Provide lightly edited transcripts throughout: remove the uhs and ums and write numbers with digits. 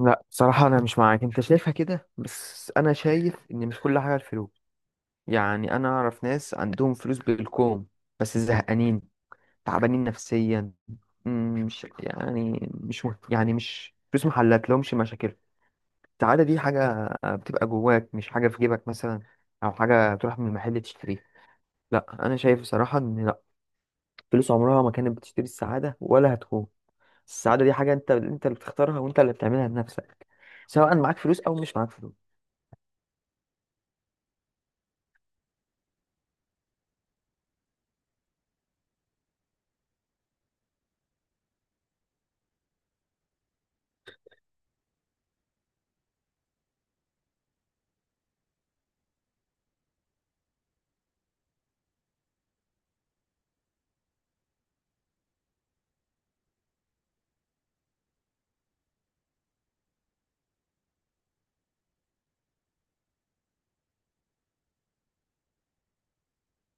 لا، بصراحة أنا مش معاك. أنت شايفها كده، بس أنا شايف إن مش كل حاجة الفلوس. يعني أنا أعرف ناس عندهم فلوس بالكوم، بس زهقانين، تعبانين نفسيا. مم، مش يعني مش مه- يعني مش فلوس محلات لهمش مشاكل. السعادة دي حاجة بتبقى جواك، مش حاجة في جيبك مثلا، أو حاجة تروح من المحل تشتريها. لا، أنا شايف بصراحة إن لا، فلوس عمرها ما كانت بتشتري السعادة ولا هتكون. السعادة دي حاجة أنت اللي بتختارها، وأنت اللي بتعملها بنفسك، سواء معاك فلوس أو مش معاك فلوس.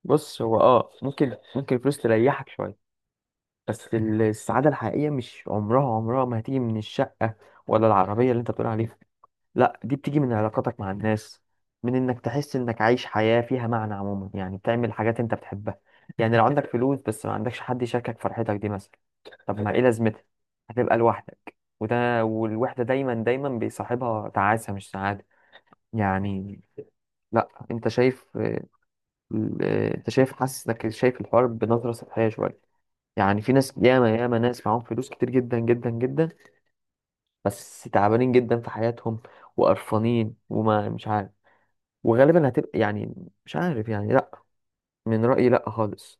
بص، هو ممكن الفلوس تريحك شويه. بس السعاده الحقيقيه مش عمرها ما هتيجي من الشقه، ولا العربيه اللي انت بتقول عليها. لا، دي بتيجي من علاقاتك مع الناس، من انك تحس انك عايش حياه فيها معنى. عموما يعني بتعمل حاجات انت بتحبها. يعني لو عندك فلوس بس ما عندكش حد يشاركك فرحتك دي مثلا، طب ما ايه لازمتها؟ هتبقى لوحدك. والوحده دايما دايما بيصاحبها تعاسه، مش سعاده. يعني لا، انت شايف، حاسس انك شايف الحوار بنظره سطحيه شويه. يعني في ناس، ياما ياما ناس معاهم فلوس كتير جدا جدا جدا، بس تعبانين جدا في حياتهم وقرفانين. وما مش عارف، وغالبا هتبقى يعني مش عارف يعني. لا، من رايي لا خالص.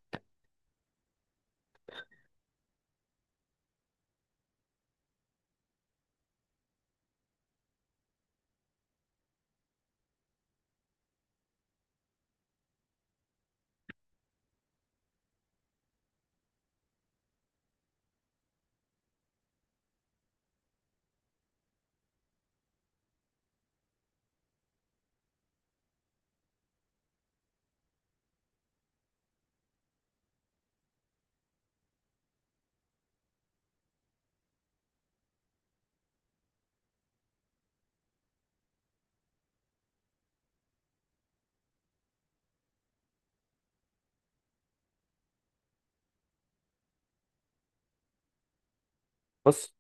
بص،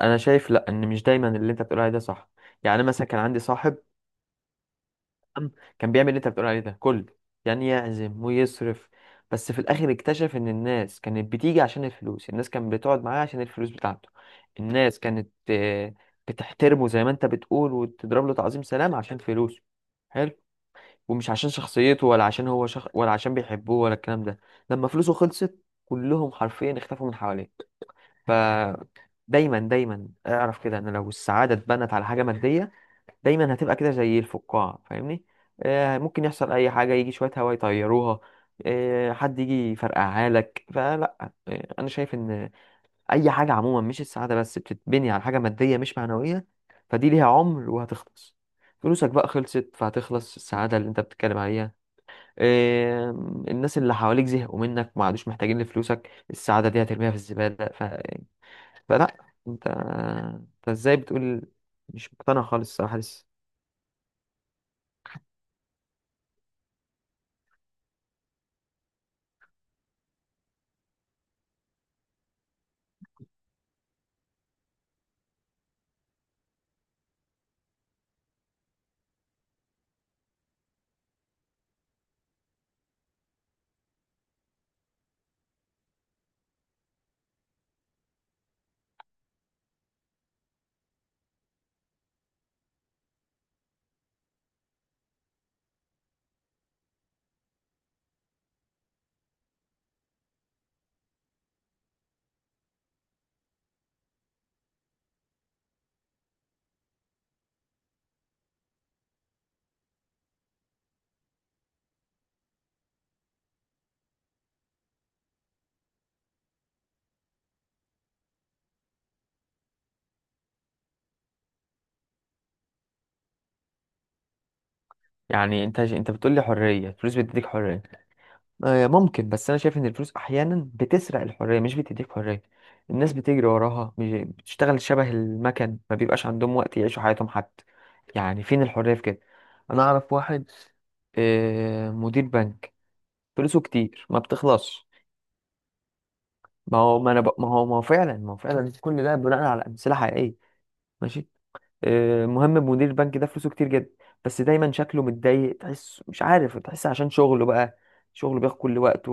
انا شايف لا، ان مش دايما اللي انت بتقول عليه ده صح. يعني أنا مثلا كان عندي صاحب، كان بيعمل اللي انت بتقول عليه ده كله، يعني يعزم ويصرف. بس في الاخر اكتشف ان الناس كانت بتيجي عشان الفلوس، الناس كانت بتقعد معاه عشان الفلوس بتاعته. الناس كانت بتحترمه زي ما انت بتقول، وتضرب له تعظيم سلام عشان فلوسه. حلو، ومش عشان شخصيته، ولا عشان ولا عشان بيحبوه، ولا الكلام ده. لما فلوسه خلصت، كلهم حرفيا اختفوا من حواليه. ف دايما دايما اعرف كده، ان لو السعادة اتبنت على حاجة مادية، دايما هتبقى كده زي الفقاعة، فاهمني؟ ممكن يحصل أي حاجة، يجي شوية هوا يطيروها. حد يجي يفرقعها لك. فلا. أنا شايف إن أي حاجة عموما، مش السعادة بس، بتتبني على حاجة مادية مش معنوية. فدي ليها عمر وهتخلص. فلوسك بقى خلصت، فهتخلص السعادة اللي أنت بتتكلم عليها. آه، الناس اللي حواليك زهقوا منك، ما عادوش محتاجين لفلوسك. السعادة دي هترميها في الزبالة. فلا، أنت إزاي بتقول؟ مش مقتنع خالص الصراحة لسه. يعني انت بتقول لي حريه، الفلوس بتديك حريه. ممكن. بس انا شايف ان الفلوس احيانا بتسرق الحريه مش بتديك حريه. الناس بتجري وراها، بتشتغل شبه المكن، ما بيبقاش عندهم وقت يعيشوا حياتهم حتى. يعني فين الحريه في كده؟ انا اعرف واحد، مدير بنك، فلوسه كتير ما بتخلصش. ما هو فعلا كل ده بناء على امثله حقيقيه. ماشي. مهم، مدير البنك ده فلوسه كتير جدا، بس دايما شكله متضايق. تحس مش عارف تحس عشان شغله بقى، شغله بياخد كل وقته.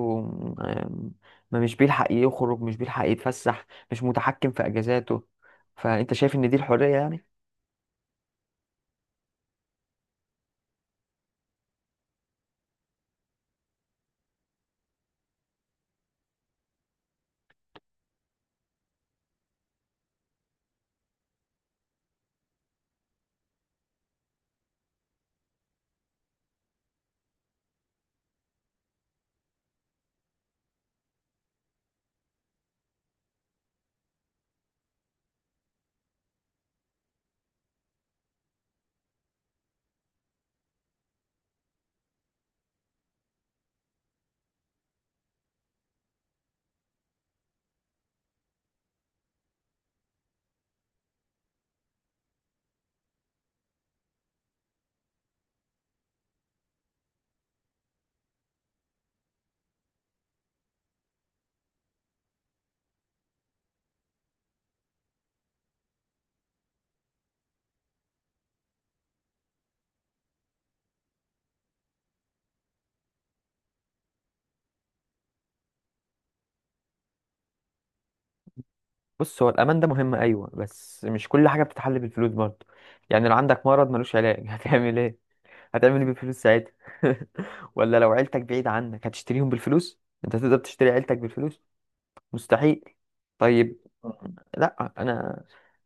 آم، ما مش بيلحق يخرج، مش بيلحق يتفسح، مش متحكم في اجازاته. فانت شايف ان دي الحرية يعني؟ بص، هو الامان ده مهم، ايوه، بس مش كل حاجة بتتحل بالفلوس برضه. يعني لو عندك مرض ملوش علاج هتعمل ايه؟ هتعمل ايه بالفلوس ساعتها؟ ولا لو عيلتك بعيد عنك هتشتريهم بالفلوس؟ انت تقدر تشتري عيلتك بالفلوس؟ مستحيل. طيب. لا، انا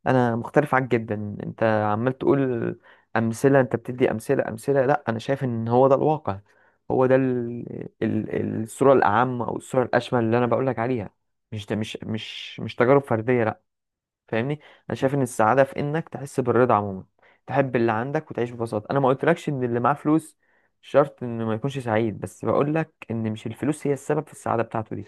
انا مختلف عنك جدا. انت عمال تقول امثله، انت بتدي امثله، امثله. لا، انا شايف ان هو ده الواقع، هو ده الصوره الاعم، او الصوره الاشمل اللي انا بقول لك عليها. مش ده، مش تجارب فرديه. لا، فاهمني؟ انا شايف ان السعاده في انك تحس بالرضا عموما، تحب اللي عندك وتعيش ببساطه. انا ما قلتلكش ان اللي معاه فلوس شرط انه ما يكونش سعيد، بس بقول لك ان مش الفلوس هي السبب في السعاده بتاعته دي.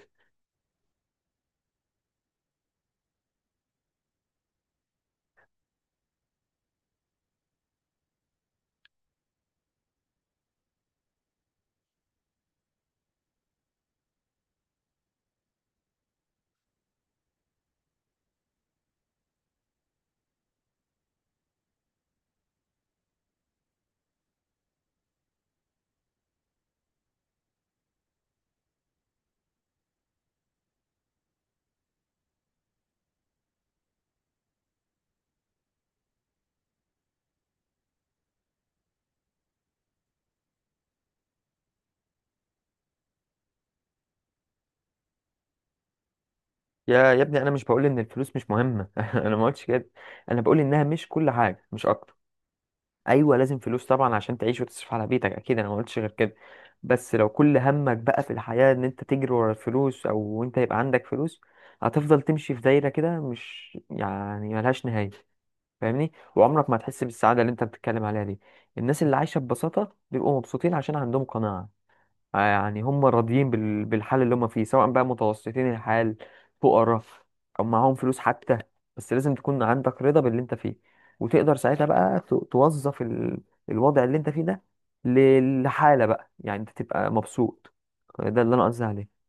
يا ابني، انا مش بقول ان الفلوس مش مهمه. انا ما قلتش كده. انا بقول انها مش كل حاجه، مش اكتر. ايوه، لازم فلوس طبعا عشان تعيش وتصرف على بيتك، اكيد انا ما قلتش غير كده. بس لو كل همك بقى في الحياه ان انت تجري ورا الفلوس او انت يبقى عندك فلوس، هتفضل تمشي في دايره كده، مش يعني ملهاش نهايه. فاهمني؟ وعمرك ما هتحس بالسعاده اللي انت بتتكلم عليها دي. الناس اللي عايشه ببساطه بيبقوا مبسوطين، عشان عندهم قناعه. يعني هم راضيين بالحال اللي هم فيه، سواء بقى متوسطين الحال، فقراء، او معاهم فلوس حتى. بس لازم تكون عندك رضا باللي انت فيه، وتقدر ساعتها بقى توظف الوضع اللي انت فيه ده لحالة بقى، يعني انت تبقى مبسوط. ده اللي انا قصدي عليه.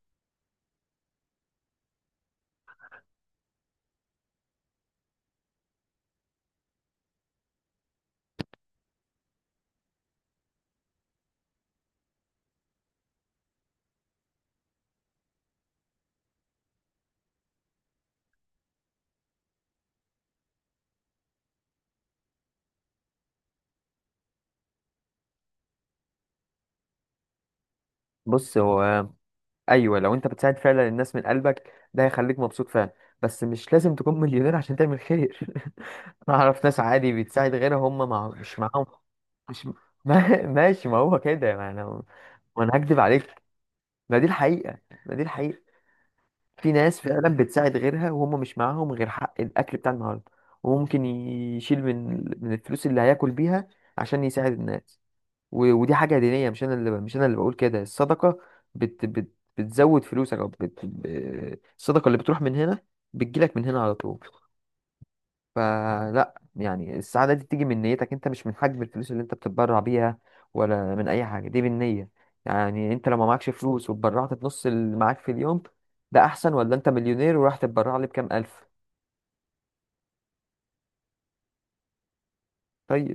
بص، هو ايوه، لو انت بتساعد فعلا الناس من قلبك، ده هيخليك مبسوط فعلا. بس مش لازم تكون مليونير عشان تعمل خير. انا اعرف ناس عادي بتساعد غيرها، مش معاهم. مش ما... ماشي، ما هو كده. ما انا وانا هكدب عليك؟ ما دي الحقيقة، ما دي الحقيقة. في ناس فعلا بتساعد غيرها، وهم مش معاهم غير حق الاكل بتاع النهارده. وممكن يشيل من الفلوس اللي هياكل بيها عشان يساعد الناس. ودي حاجة دينية. مش أنا اللي بقول كده. الصدقة بت بت بتزود فلوسك، الصدقة اللي بتروح من هنا بتجيلك من هنا على طول. فلا يعني، السعادة دي بتيجي من نيتك أنت، مش من حجم الفلوس اللي أنت بتتبرع بيها. ولا من أي حاجة. دي بالنية. يعني أنت لو ما معكش فلوس واتبرعت بنص اللي معاك في اليوم، ده أحسن، ولا أنت مليونير وراح تتبرع لي بكام ألف؟ طيب.